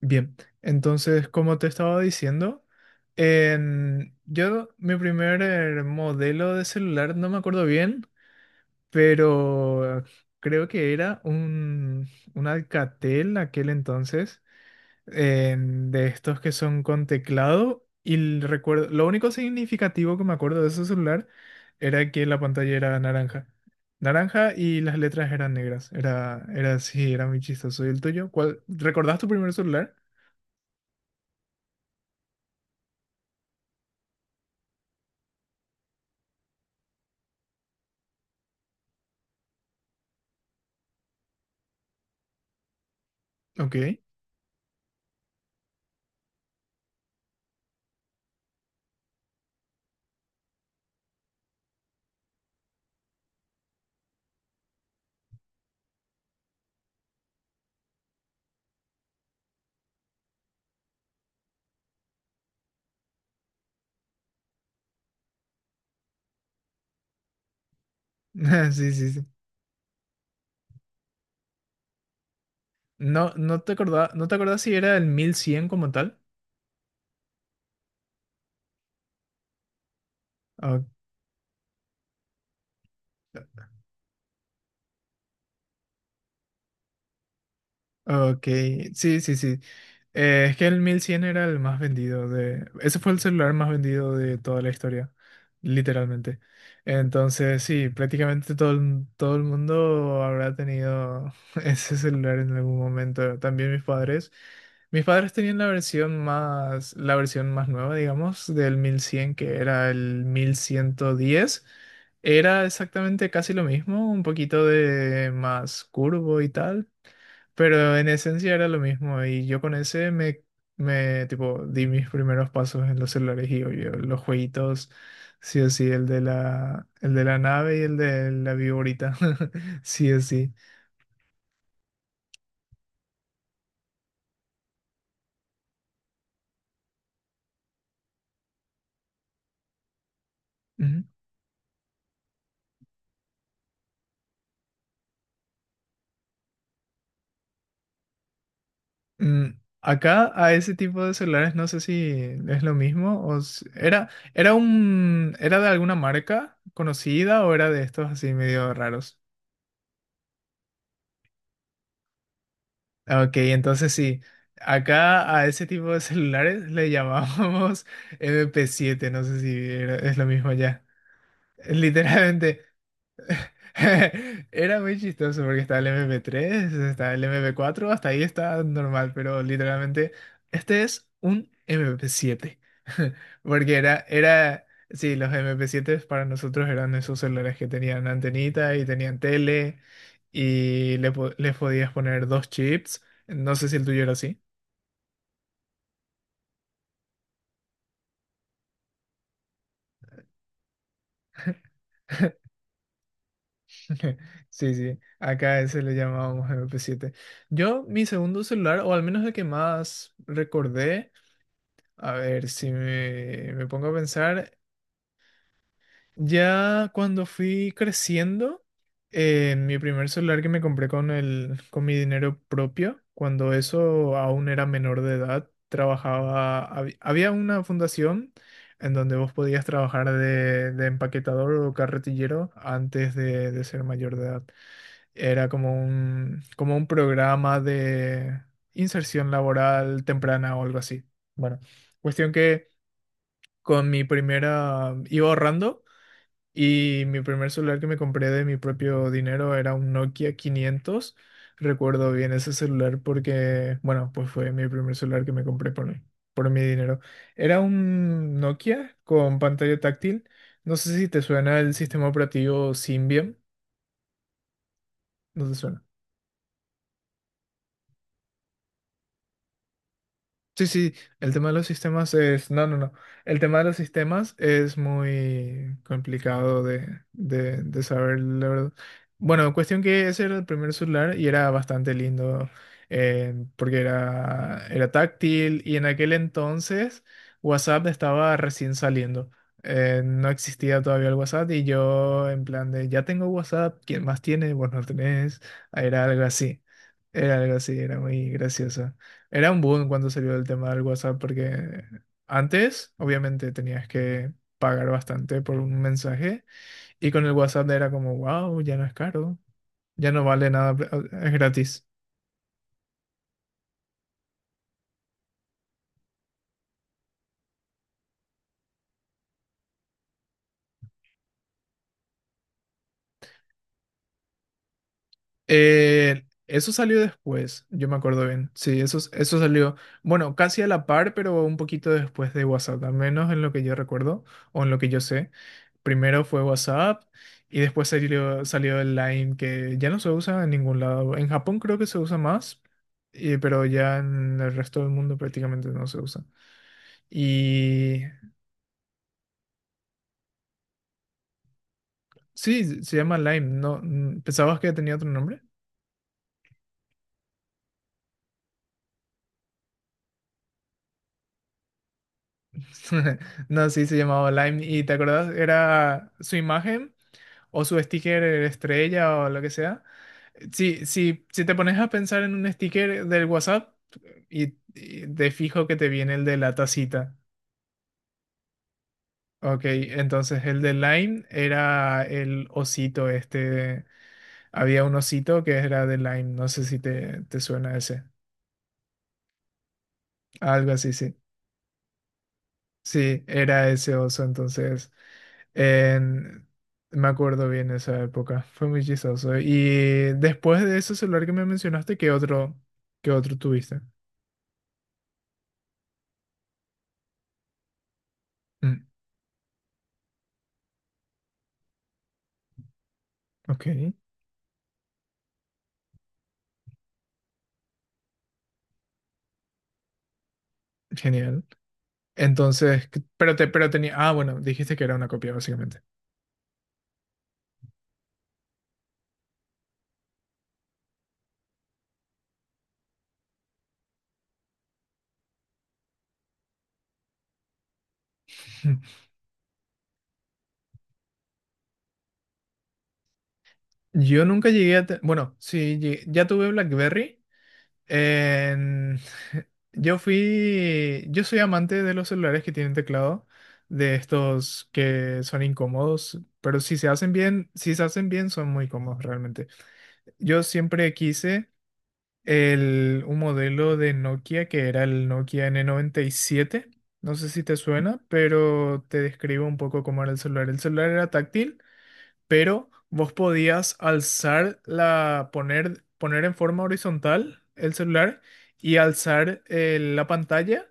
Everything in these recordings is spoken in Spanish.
Bien, entonces, como te estaba diciendo, yo mi primer modelo de celular no me acuerdo bien, pero creo que era un Alcatel aquel entonces, en- de estos que son con teclado. Y el recuerdo, lo único significativo que me acuerdo de ese celular era que la pantalla era naranja. Naranja y las letras eran negras. Era así, era muy chistoso. ¿Y el tuyo? ¿Cuál? ¿Recordás tu primer celular? Ok. Sí, sí, sí. No te acordaba, no te acordás si era el 1100 como tal. Ok. Ok, sí, sí, sí. Es que el 1100 era el más vendido de... Ese fue el celular más vendido de toda la historia, literalmente. Entonces, sí, prácticamente todo el mundo habrá tenido ese celular en algún momento. También mis padres. Mis padres tenían la versión más nueva, digamos, del 1100 que era el 1110. Era exactamente casi lo mismo, un poquito de más curvo y tal, pero en esencia era lo mismo y yo con ese me tipo di mis primeros pasos en los celulares y obvio, los jueguitos, sí o sí, el de la nave y el de la viborita, sí o sí. Ujú. Mm, acá a ese tipo de celulares no sé si es lo mismo o era, era era de alguna marca conocida o era de estos así medio raros. Ok, entonces sí, acá a ese tipo de celulares le llamábamos mp siete, no sé si es lo mismo ya. Literalmente, era muy chistoso porque estaba el mp tres, estaba el mp cuatro, hasta ahí está normal, pero literalmente este es un mp siete. Porque sí, los mp siete para nosotros eran esos celulares que tenían antenita y tenían tele y les podías poner dos chips. No sé si el tuyo era así. Sí, sí, acá ese le llamábamos mp siete. Yo, mi segundo celular, o al menos el que más recordé, a ver, si me pongo a pensar, ya cuando fui creciendo, mi primer celular que me compré con mi dinero propio, cuando eso aún era menor de edad, trabajaba, había una fundación en donde vos podías trabajar de empaquetador o carretillero antes de ser mayor de edad. Era como como un programa de inserción laboral temprana o algo así. Bueno, cuestión que con mi primera, iba ahorrando y mi primer celular que me compré de mi propio dinero era un Nokia 500. Recuerdo bien ese celular porque, bueno, pues fue mi primer celular que me compré por por mi dinero. Era un Nokia con pantalla táctil. No sé si te suena el sistema operativo Symbian. No te suena. Sí, sí, el tema de los sistemas es... No, no, no. El tema de los sistemas es muy complicado de saber, la verdad. Bueno, cuestión que ese era el primer celular y era bastante lindo, porque era táctil y en aquel entonces WhatsApp estaba recién saliendo. No existía todavía el WhatsApp y yo en plan de, ya tengo WhatsApp, ¿quién más tiene? Vos no tenés. Era algo así. Era algo así, era muy gracioso. Era un boom cuando salió el tema del WhatsApp, porque antes, obviamente, tenías que pagar bastante por un mensaje y con el WhatsApp era como, wow, ya no es caro, ya no vale nada, es gratis. Eso salió después, yo me acuerdo bien. Sí, eso salió, bueno, casi a la par, pero un poquito después de WhatsApp, al menos en lo que yo recuerdo o en lo que yo sé. Primero fue WhatsApp y después salió el Line, que ya no se usa en ningún lado. En Japón creo que se usa más, pero ya en el resto del mundo prácticamente no se usa. Y sí, se llama Line, ¿no? ¿Pensabas que tenía otro nombre? No, sí, se llamaba Lime. ¿Y te acordás? Era su imagen o su sticker estrella o lo que sea. Si, si, si te pones a pensar en un sticker del WhatsApp y de fijo que te viene el de la tacita. Ok, entonces el de Line era el osito este. Había un osito que era de Line, no sé si te suena ese. Algo así, sí. Sí, era ese oso, entonces en- me acuerdo bien esa época, fue muy chistoso. Y después de ese celular que me mencionaste, ¿qué otro tuviste? Mm, ok, genial. Entonces, ¿qué- pero te, pero tenía, ah, bueno, dijiste que era una copia básicamente. Yo nunca llegué a, bueno, sí, llegué- ya tuve BlackBerry. En- Yo fui, yo soy amante de los celulares que tienen teclado, de estos que son incómodos, pero si se hacen bien, si se hacen bien son muy cómodos realmente. Yo siempre quise un modelo de Nokia que era el Nokia n 97. No sé si te suena, pero te describo un poco cómo era el celular. El celular era táctil pero vos podías alzar poner en forma horizontal el celular y alzar la pantalla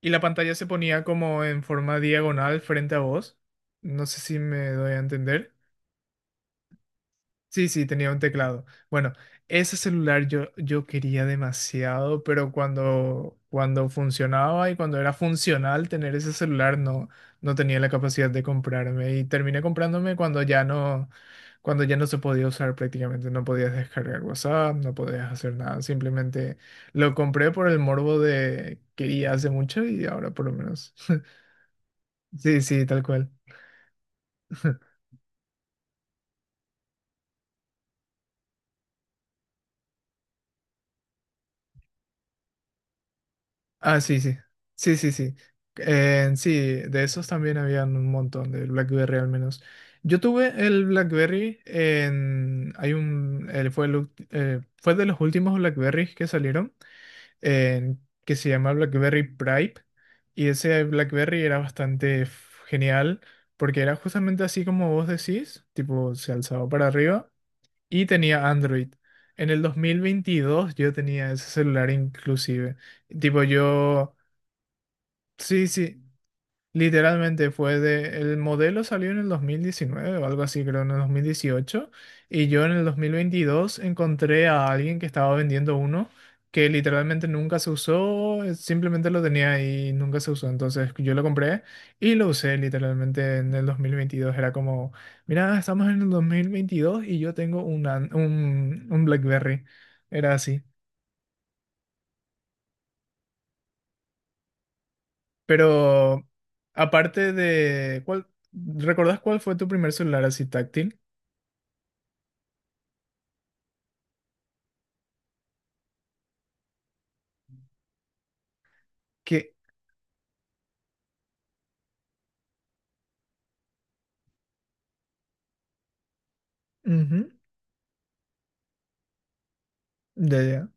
y la pantalla se ponía como en forma diagonal frente a vos. No sé si me doy a entender. Sí, sí, tenía un teclado. Bueno, ese celular yo quería demasiado, pero cuando funcionaba y cuando era funcional tener ese celular, no, no tenía la capacidad de comprarme. Y terminé comprándome cuando ya no se podía usar prácticamente. No podías descargar WhatsApp, no podías hacer nada. Simplemente lo compré por el morbo de quería hace mucho y ahora por lo menos. Sí, sí, tal cual. Ah, sí, sí. Sí, sí, sí. Sí, de esos también habían un montón, de BlackBerry al menos. Yo tuve el BlackBerry en... Hay un... él fue, el fue de los últimos BlackBerrys que salieron, que se llama BlackBerry Prime. Y ese BlackBerry era bastante genial, porque era justamente así como vos decís, tipo se alzaba para arriba y tenía Android. En el 2022 yo tenía ese celular inclusive. Tipo yo... Sí, sí, literalmente fue de... El modelo salió en el 2019 o algo así, creo, en el 2018. Y yo en el 2022 encontré a alguien que estaba vendiendo uno que literalmente nunca se usó, simplemente lo tenía ahí y nunca se usó. Entonces yo lo compré y lo usé literalmente en el 2022. Era como, mira, estamos en el 2022 y yo tengo un BlackBerry. Era así. Pero aparte de ¿recordás cuál fue tu primer celular así táctil? Que ujú, ya ya.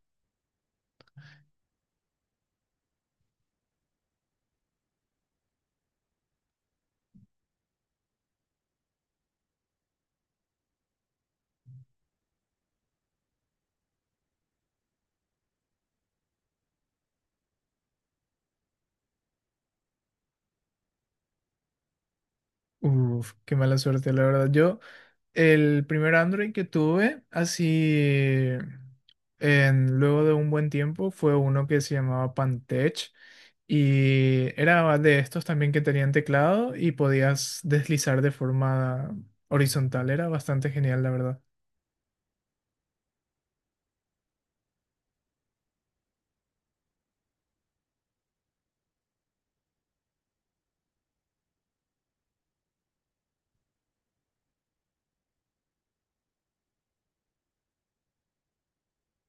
Uf, qué mala suerte, la verdad. Yo el primer Android que tuve así en- luego de un buen tiempo fue uno que se llamaba Pantech y era de estos también que tenían teclado y podías deslizar de forma horizontal. Era bastante genial, la verdad.